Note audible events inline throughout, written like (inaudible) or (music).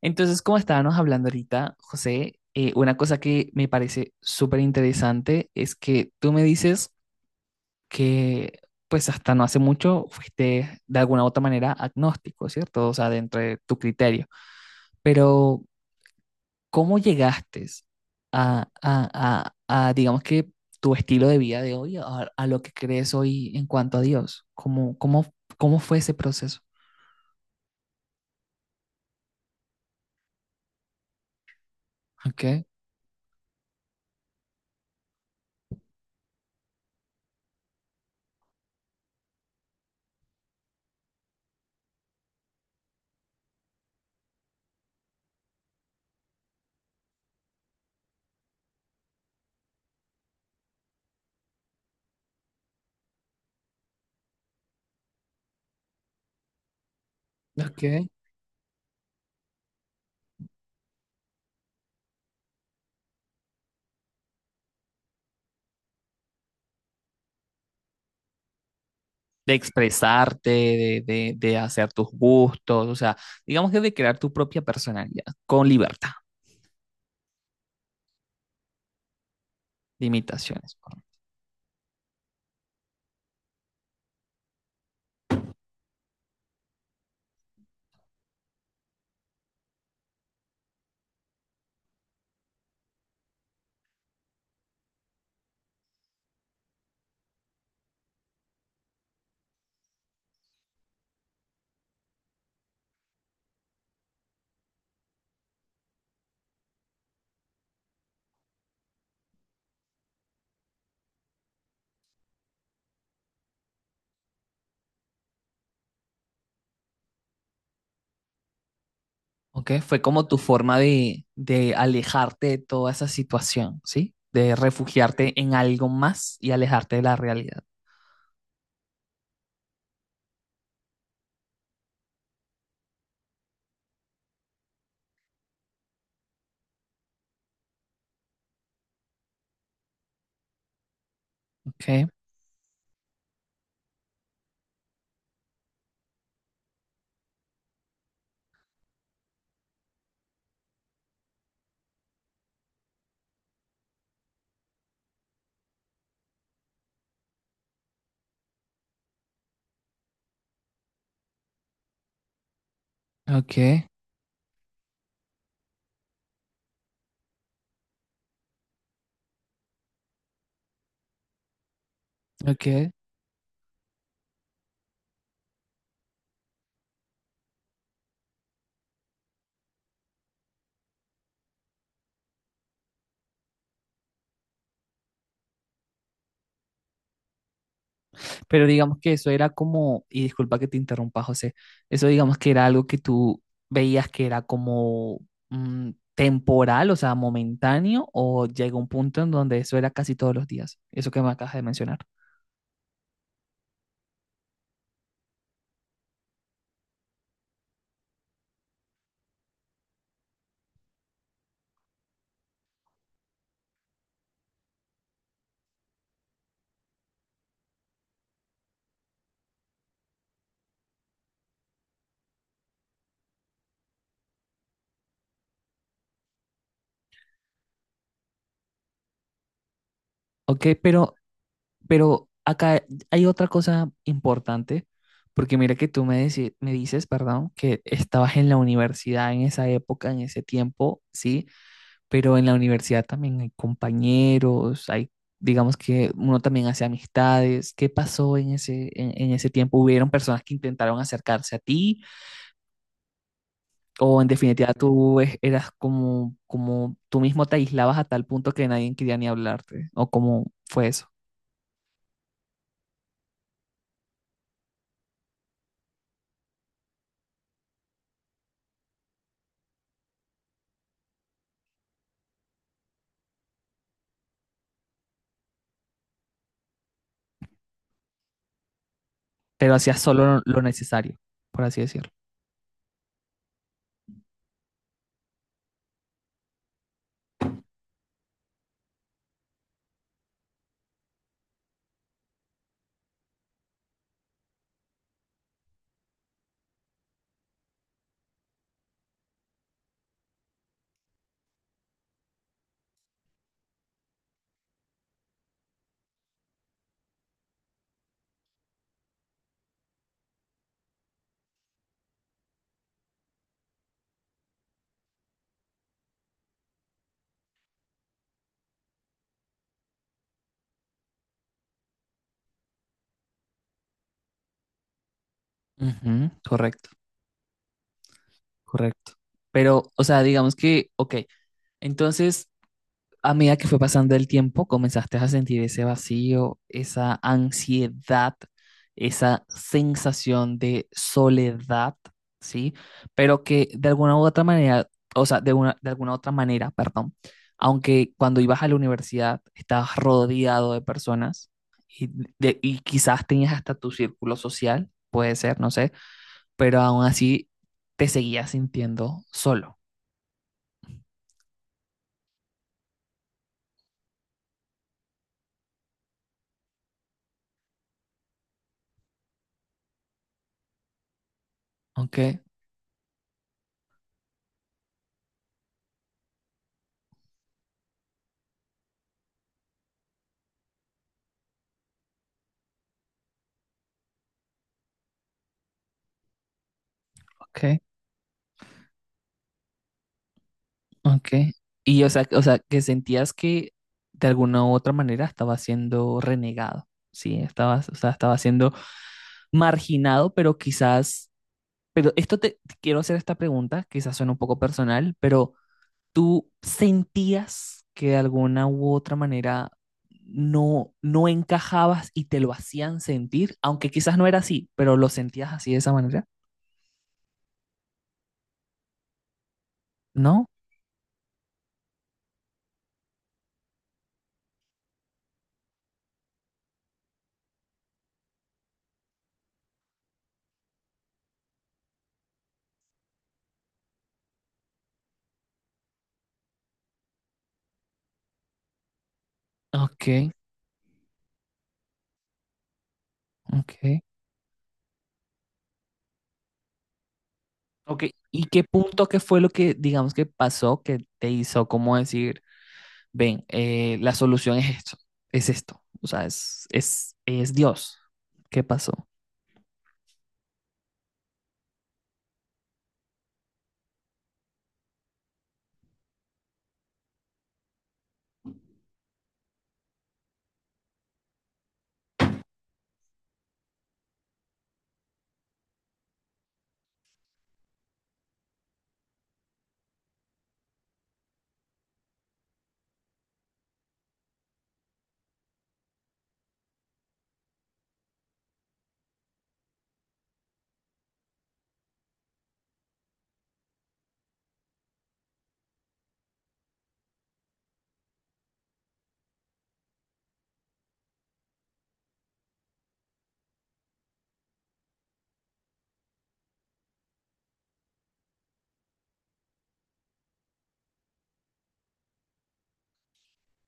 Entonces, como estábamos hablando ahorita, José, una cosa que me parece súper interesante es que tú me dices que, pues hasta no hace mucho, fuiste de alguna u otra manera agnóstico, ¿cierto? O sea, dentro de tu criterio. Pero ¿cómo llegaste digamos que, tu estilo de vida de hoy, a lo que crees hoy en cuanto a Dios? Cómo fue ese proceso? Ok, ok. De expresarte, de hacer tus gustos, o sea, digamos que de crear tu propia personalidad con libertad de imitaciones. ¿Ok? Fue como tu forma de alejarte de toda esa situación, ¿sí? De refugiarte en algo más y alejarte de la realidad. ¿Ok? Ok, ok. Pero digamos que eso era como, y disculpa que te interrumpa, José, eso digamos que era algo que tú veías que era como temporal, o sea, momentáneo, o llega un punto en donde eso era casi todos los días, eso que me acabas de mencionar. Ok, pero acá hay otra cosa importante, porque mira que tú me, me dices, perdón, que estabas en la universidad en esa época, en ese tiempo, ¿sí? Pero en la universidad también hay compañeros, hay, digamos que uno también hace amistades. ¿Qué pasó en ese, en ese tiempo? ¿Hubieron personas que intentaron acercarse a ti? ¿O en definitiva tú eras como, como tú mismo te aislabas a tal punto que nadie quería ni hablarte? ¿O cómo fue eso? Pero hacías solo lo necesario, por así decirlo. Ujú, correcto, correcto. Pero, o sea, digamos que, ok, entonces, a medida que fue pasando el tiempo, comenzaste a sentir ese vacío, esa ansiedad, esa sensación de soledad, ¿sí? Pero que de alguna u otra manera, o sea, de una, de alguna otra manera, perdón, aunque cuando ibas a la universidad estabas rodeado de personas y, y quizás tenías hasta tu círculo social, puede ser, no sé, pero aún así te seguías sintiendo solo, ¿ok? Ok, ok. Y o sea, que sentías que de alguna u otra manera estaba siendo renegado, ¿sí? Estabas, o sea, estaba siendo marginado, pero quizás, pero esto te, te quiero hacer esta pregunta, quizás suena un poco personal, pero ¿tú sentías que de alguna u otra manera no, no encajabas y te lo hacían sentir? Aunque quizás no era así, pero lo sentías así de esa manera, ¿no? Ok, ok. Ok, ¿y qué punto, qué fue lo que, digamos, que pasó que te hizo como decir, ven, la solución es esto, o sea, es Dios. ¿Qué pasó?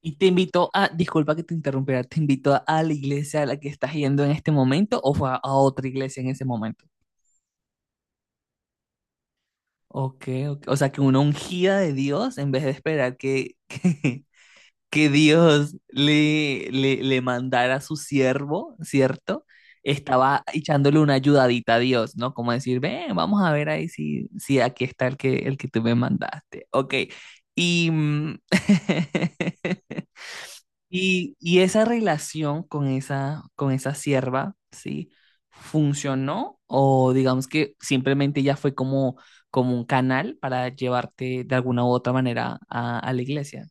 ¿Y te invitó a, disculpa que te interrumpiera, te invitó a la iglesia a la que estás yendo en este momento o fue a otra iglesia en ese momento? Ok, ok, o sea, que una ungida de Dios en vez de esperar que, (laughs) que Dios le, le, le mandara a su siervo, ¿cierto? Estaba echándole una ayudadita a Dios, ¿no? Como decir, ven, vamos a ver ahí si, si aquí está el que tú me mandaste. Ok. Y, (laughs) y esa relación con esa sierva, ¿sí? ¿Funcionó? O digamos que simplemente ya fue como, como un canal para llevarte de alguna u otra manera a la iglesia.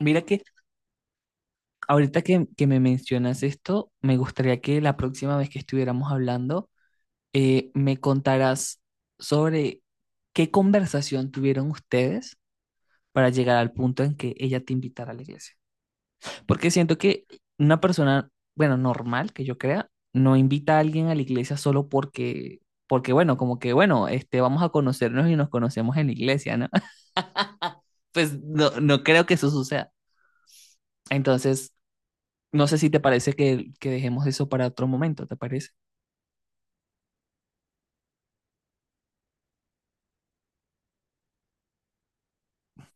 Mira que ahorita que me mencionas esto, me gustaría que la próxima vez que estuviéramos hablando, me contarás sobre qué conversación tuvieron ustedes para llegar al punto en que ella te invitara a la iglesia. Porque siento que una persona, bueno, normal que yo crea, no invita a alguien a la iglesia solo porque, porque bueno, como que, bueno, este, vamos a conocernos y nos conocemos en la iglesia, ¿no? (laughs) Pues no, no creo que eso suceda. Entonces, no sé si te parece que dejemos eso para otro momento, ¿te parece?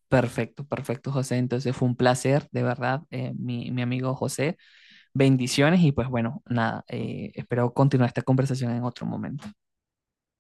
Perfecto, perfecto, José. Entonces fue un placer, de verdad, mi, mi amigo José. Bendiciones y pues bueno, nada, espero continuar esta conversación en otro momento.